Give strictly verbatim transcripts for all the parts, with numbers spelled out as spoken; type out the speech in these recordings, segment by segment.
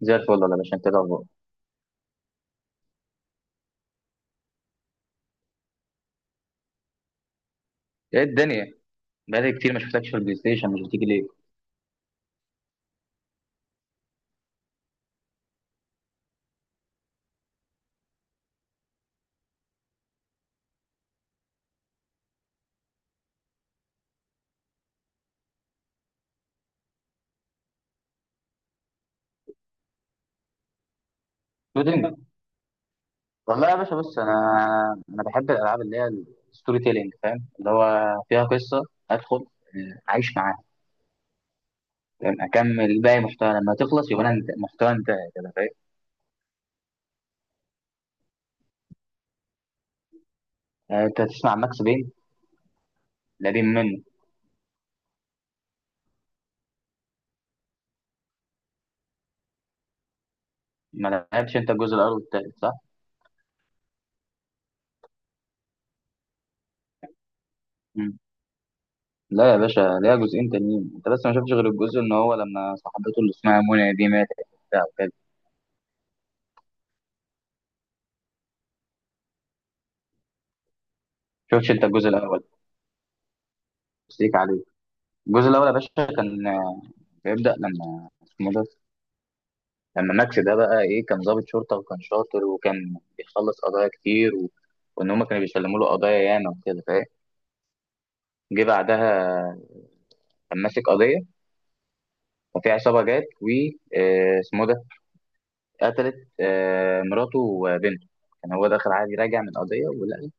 زي الفل، ولا باشا. انت إيه الاخبار؟ ايه الدنيا؟ بقالي كتير ما شفتكش في البلاي ستيشن، مش بتيجي ليه؟ شوتينج. والله يا باشا، بص، انا انا بحب الالعاب اللي هي الستوري تيلينج، فاهم؟ اللي هو فيها قصه، ادخل آه، اعيش معاها، فاهم. اكمل باقي محتوى، لما تخلص يبقى انا انت محتوى انتهى كده، فاهم. آه، انت تسمع ماكس بين، القديم منه؟ ما لعبتش انت الجزء الاول والتالت، صح؟ مم. لا يا باشا، ليها جزئين تانيين، انت بس ما شفتش غير الجزء ان هو لما صاحبته اللي اسمها منى دي ماتت وبتاع وكده. شفتش انت الجزء الاول؟ بس ليك عليه. الجزء الاول يا باشا كان بيبدا لما اسمه ده، لما ماكس ده بقى ايه، كان ضابط شرطه وكان شاطر وكان بيخلص قضايا كتير، و... وان هم كانوا بيسلموا له قضايا ياما وكده، فاهم. جه بعدها كان ماسك قضيه، ففي عصابه جت و آه، اسمه ده قتلت آه، مراته وبنته. كان هو داخل عادي راجع من قضيه، ولقى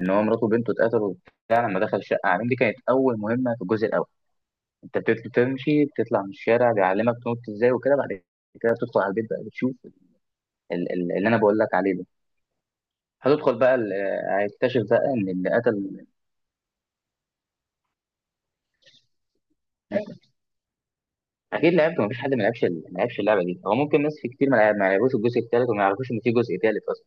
ان هو مراته وبنته اتقتلوا وبتاع لما دخل الشقه عليهم. دي كانت اول مهمه في الجزء الاول. انت بتمشي بتطلع من الشارع، بيعلمك تنط ازاي وكده، بعد كده بتدخل على البيت بقى، بتشوف ال- ال- اللي انا بقول لك عليه ده. هتدخل بقى ال- آه، هيكتشف بقى ان اللي قتل. اكيد لعبت، مفيش حد ما لعبش ال- ما لعبش اللعبه دي. هو ممكن ناس في كتير ما لعب- ما لعبوش الجزء الثالث وما يعرفوش ان في جزء ثالث اصلا.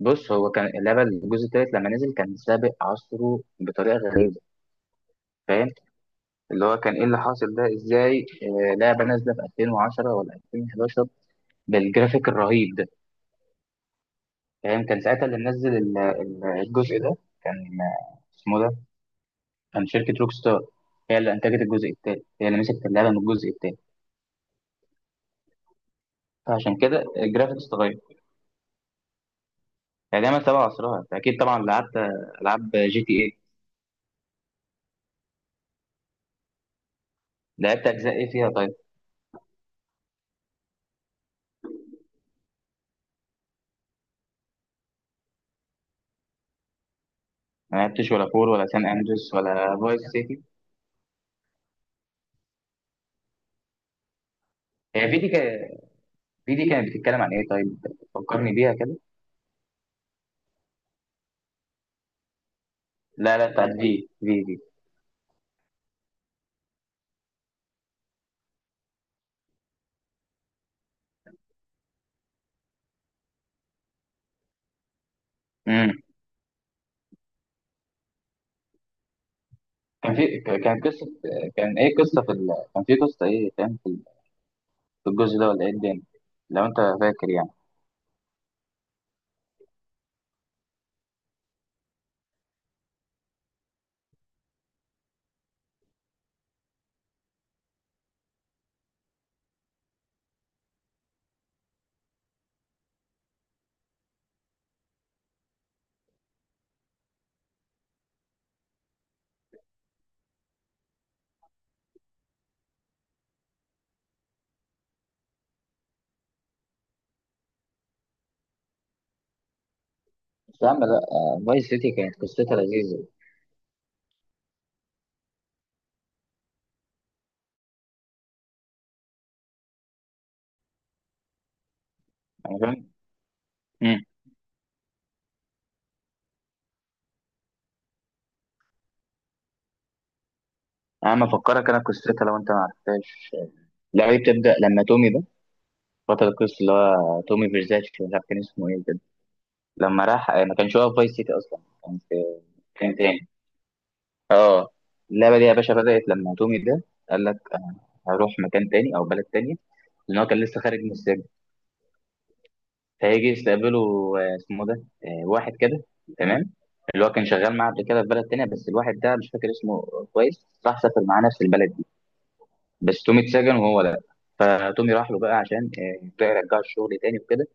بص، هو كان اللعبه الجزء الثالث لما نزل كان سابق عصره بطريقه غريبه، فاهم. اللي هو كان ايه اللي حاصل ده ازاي، آه، لعبه نازله في ألفين وعشرة ولا ألفين وحداشر بالجرافيك الرهيب ده، فاهم. كان ساعتها اللي منزل ال- ال- الجزء ده، كان آه، اسمه ده، كان شركة روك ستار هي اللي أنتجت الجزء التالت، هي اللي مسكت اللعبة من الجزء التالت. فعشان كده الجرافيكس اتغير، يعني دايما تبع عصرها. أنت أكيد طبعا لعبت ألعاب جي تي إيه. لعبت أجزاء إيه فيها طيب؟ ما لعبتش ولا فور ولا سان أندريس ولا فايس سيتي؟ هي في دي كا- في دي كانت بتتكلم عن إيه طيب؟ فكرني بيها كده. لا لا، بتاعت في في في. امم. كان في كان قصة، كان إيه قصة في ال... كان في قصة إيه، فاهم، في في الجزء ده، ولا إيه الدنيا لو أنت فاكر يعني؟ بس يا عم لا، فايس سيتي كانت قصتها لذيذة. يعني، امم، انا افكرك انا قصتها لو انت ما عرفتهاش. لا، هي بتبدا لما تومي ده، بطل القصه اللي هو تومي فيرزاتشي، مش عارف كان اسمه ايه كده، لما راح آه، ما كانش هو في فايس سيتي اصلا، كان في كان تاني. اه، اللعبه دي يا باشا بدات لما تومي ده قال لك انا هروح مكان تاني او بلد تانية، لان هو كان لسه خارج من السجن. فهيجي يستقبله آه، اسمه ده، آه، واحد كده، تمام، اللي هو كان شغال معاه قبل كده في بلد تانية، بس الواحد ده مش فاكر اسمه. كويس، راح سافر معاه نفس البلد، بس تومي اتسجن وهو لا. فتومي راح له بقى عشان آه، يبدأ يرجعه الشغل تاني وكده،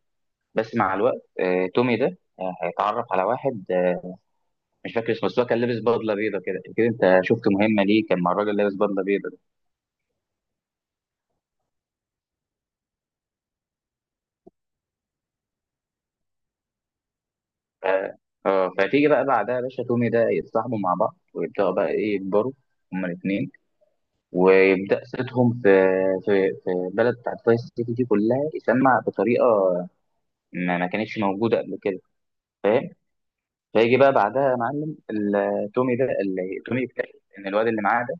بس مع الوقت آه، تومي ده آه، هيتعرف على واحد، آه، مش فاكر اسمه، بس هو كان لابس بدله بيضه كده كده. انت شفت مهمه ليه كان مع الراجل لابس بدله بيضه ده؟ ف- اه، فتيجي بقى بعدها يا باشا تومي ده يتصاحبوا مع بعض، ويبداوا بقى ايه يكبروا هما الاثنين، ويبدا صيتهم في في في البلد بتاعت فايس سيتي دي كلها، يسمع بطريقه ما ما كانتش موجوده قبل كده، فاهم؟ فيجي بقى بعدها يا معلم ال- تومي ده اللي تومي يكتشف ان الواد اللي معاه ده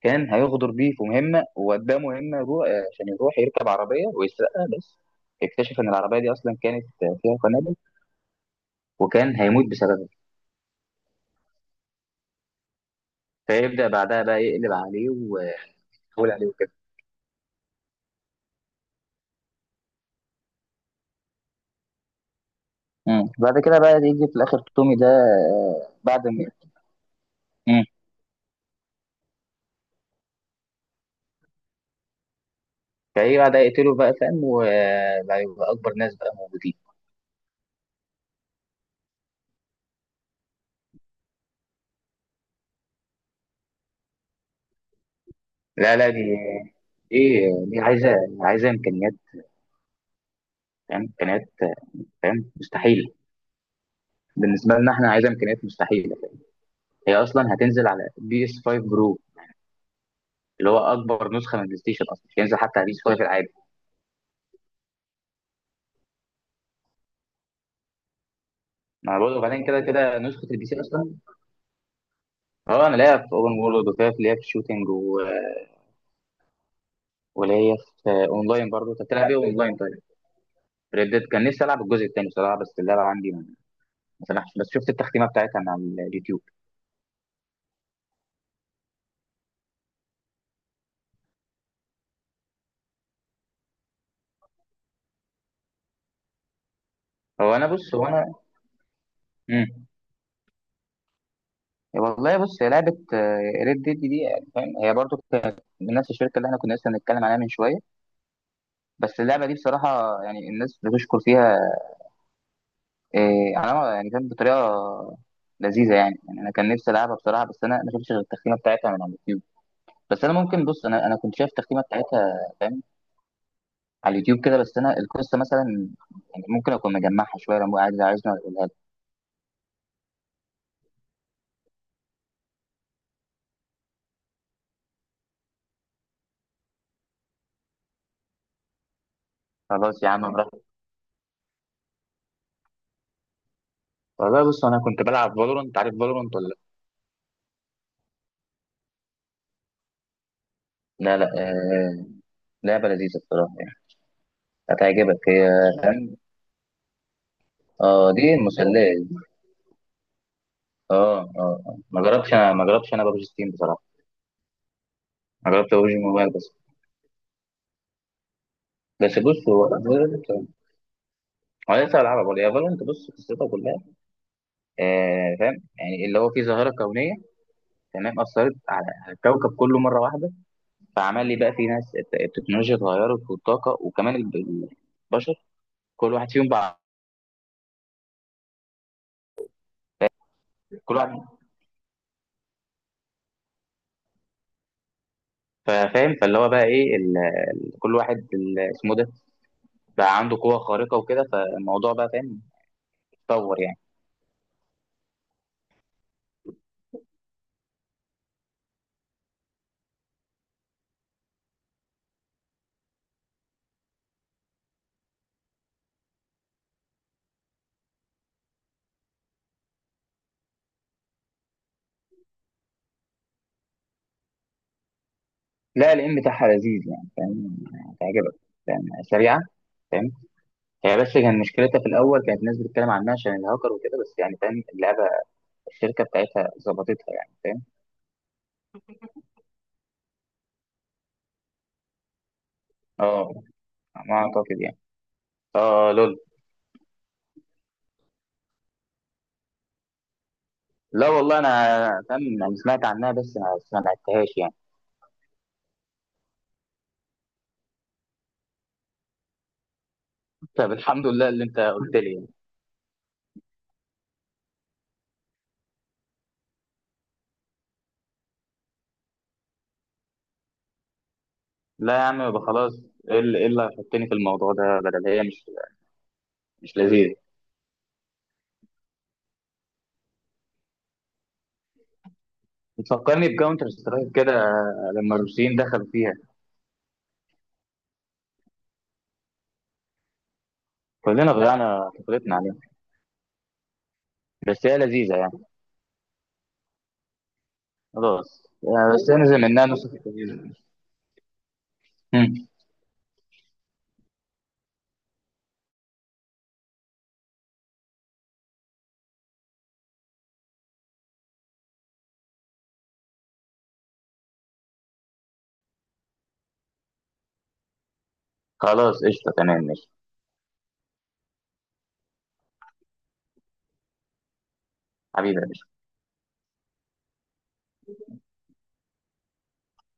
كان هيغدر بيه في مهمه، وقدامه مهمه يروح عشان يروح يركب عربيه ويسرقها، بس اكتشف ان العربيه دي اصلا كانت فيها قنابل وكان هيموت بسببها. فيبدا بعدها بقى يقلب عليه ويحاول عليه وكده. مم. بعد كده بقى يجي في الاخر تومي ده آه، بعد ما، مم، فايه بعد يقتله بقى، فاهم، وبقى يبقى اكبر ناس بقى موجودين. لا لا، دي ايه، دي عايزه، عايزه امكانيات، فاهم، امكانيات، فاهم، مستحيل. بالنسبه لنا احنا عايزه امكانيات مستحيله. هي اصلا هتنزل على بي اس خمسة برو، اللي هو اكبر نسخه من البلاي ستيشن، اصلا مش هينزل حتى على بي اس خمسة العادي. ما انا بقول، وبعدين كده كده نسخه البي سي اصلا. اه انا لاقيها في اوبن وورلد وفيها، في ليها في شوتنج، ولاقيها في اونلاين برضه. انت بتلعب ايه اونلاين طيب؟ ريدد، كان نفسي العب الجزء الثاني بصراحه، بس اللعبه عندي ما ما سمحش، بس شفت التختيمه بتاعتها من على اليوتيوب. هو انا، بص، هو انا. مم. والله بص، هي لعبه ريد ديد دي يعني، فاهم، هي برضه كانت من نفس الشركه اللي احنا كنا لسه بنتكلم عليها من شويه، بس اللعبه دي بصراحه يعني الناس بتشكر فيها إيه على ما- يعني كانت بطريقه لذيذه يعني. يعني انا كان نفسي العبها بصراحه، بس انا ما شفتش غير التختيمه بتاعتها من على اليوتيوب. بس انا ممكن، بص، انا انا كنت شايف التختيمه بتاعتها، فاهم، على اليوتيوب كده، بس انا القصه مثلا يعني ممكن اكون مجمعها شويه، لو عايز عايزني اقولها لك. خلاص يا عم، براحتك. والله بص، انا كنت بلعب فالورنت، عارف فالورنت ولا؟ لا لا، آه، لعبه لذيذه بصراحه يعني، هتعجبك هي، فاهم. اه، دي مسليه. اه، اه. آه. ما جربتش انا ما جربتش انا ببجي ستيم بصراحه. انا جربت اوجي موبايل بس. بس بص، هو فالنت، هو لسه بلعبها برضه. هي فالنت، بص قصتها كلها، آه فاهم يعني، اللي هو في ظاهره كونيه تمام اثرت على على الكوكب كله مره واحده. فعمل لي بقى في ناس، الت- التكنولوجيا اتغيرت، والطاقه وكمان ال- البشر كل واحد فيهم بقى، كل واحد، فاهم. فاللي هو بقى ايه ال... ال- كل واحد ال- اسمه ده بقى عنده قوه خارقه وكده، فالموضوع بقى، فاهم، اتطور يعني. لا، الام بتاعها لذيذ يعني، فاهم، يعني هتعجبك، فاهم، سريعه. هي بس كان مشكلتها في الاول كانت الناس بتتكلم عنها عشان الهاكر وكده، بس يعني فاهم اللعبه الشركه بتاعتها ظبطتها، يعني فاهم. اه، ما اعتقد يعني. اه، آه، لول. لا والله انا، فاهم يعني، سمعت عنها بس ما ما لعبتهاش يعني. طب الحمد لله اللي انت قلت لي يعني. لا يا عم، يبقى خلاص. ايه اللي إيه اللي هيحطني في الموضوع ده، بدل هي مش مش لذيذه؟ بتفكرني بكاونتر سترايك كده لما الروسيين دخلوا فيها. كلنا ضيعنا طفولتنا عليها، بس هي لذيذه يعني. خلاص يعني، بس انزل منها نص التلفزيون. خلاص، قشطة. تمام، ماشي. حبيبي يا باشا.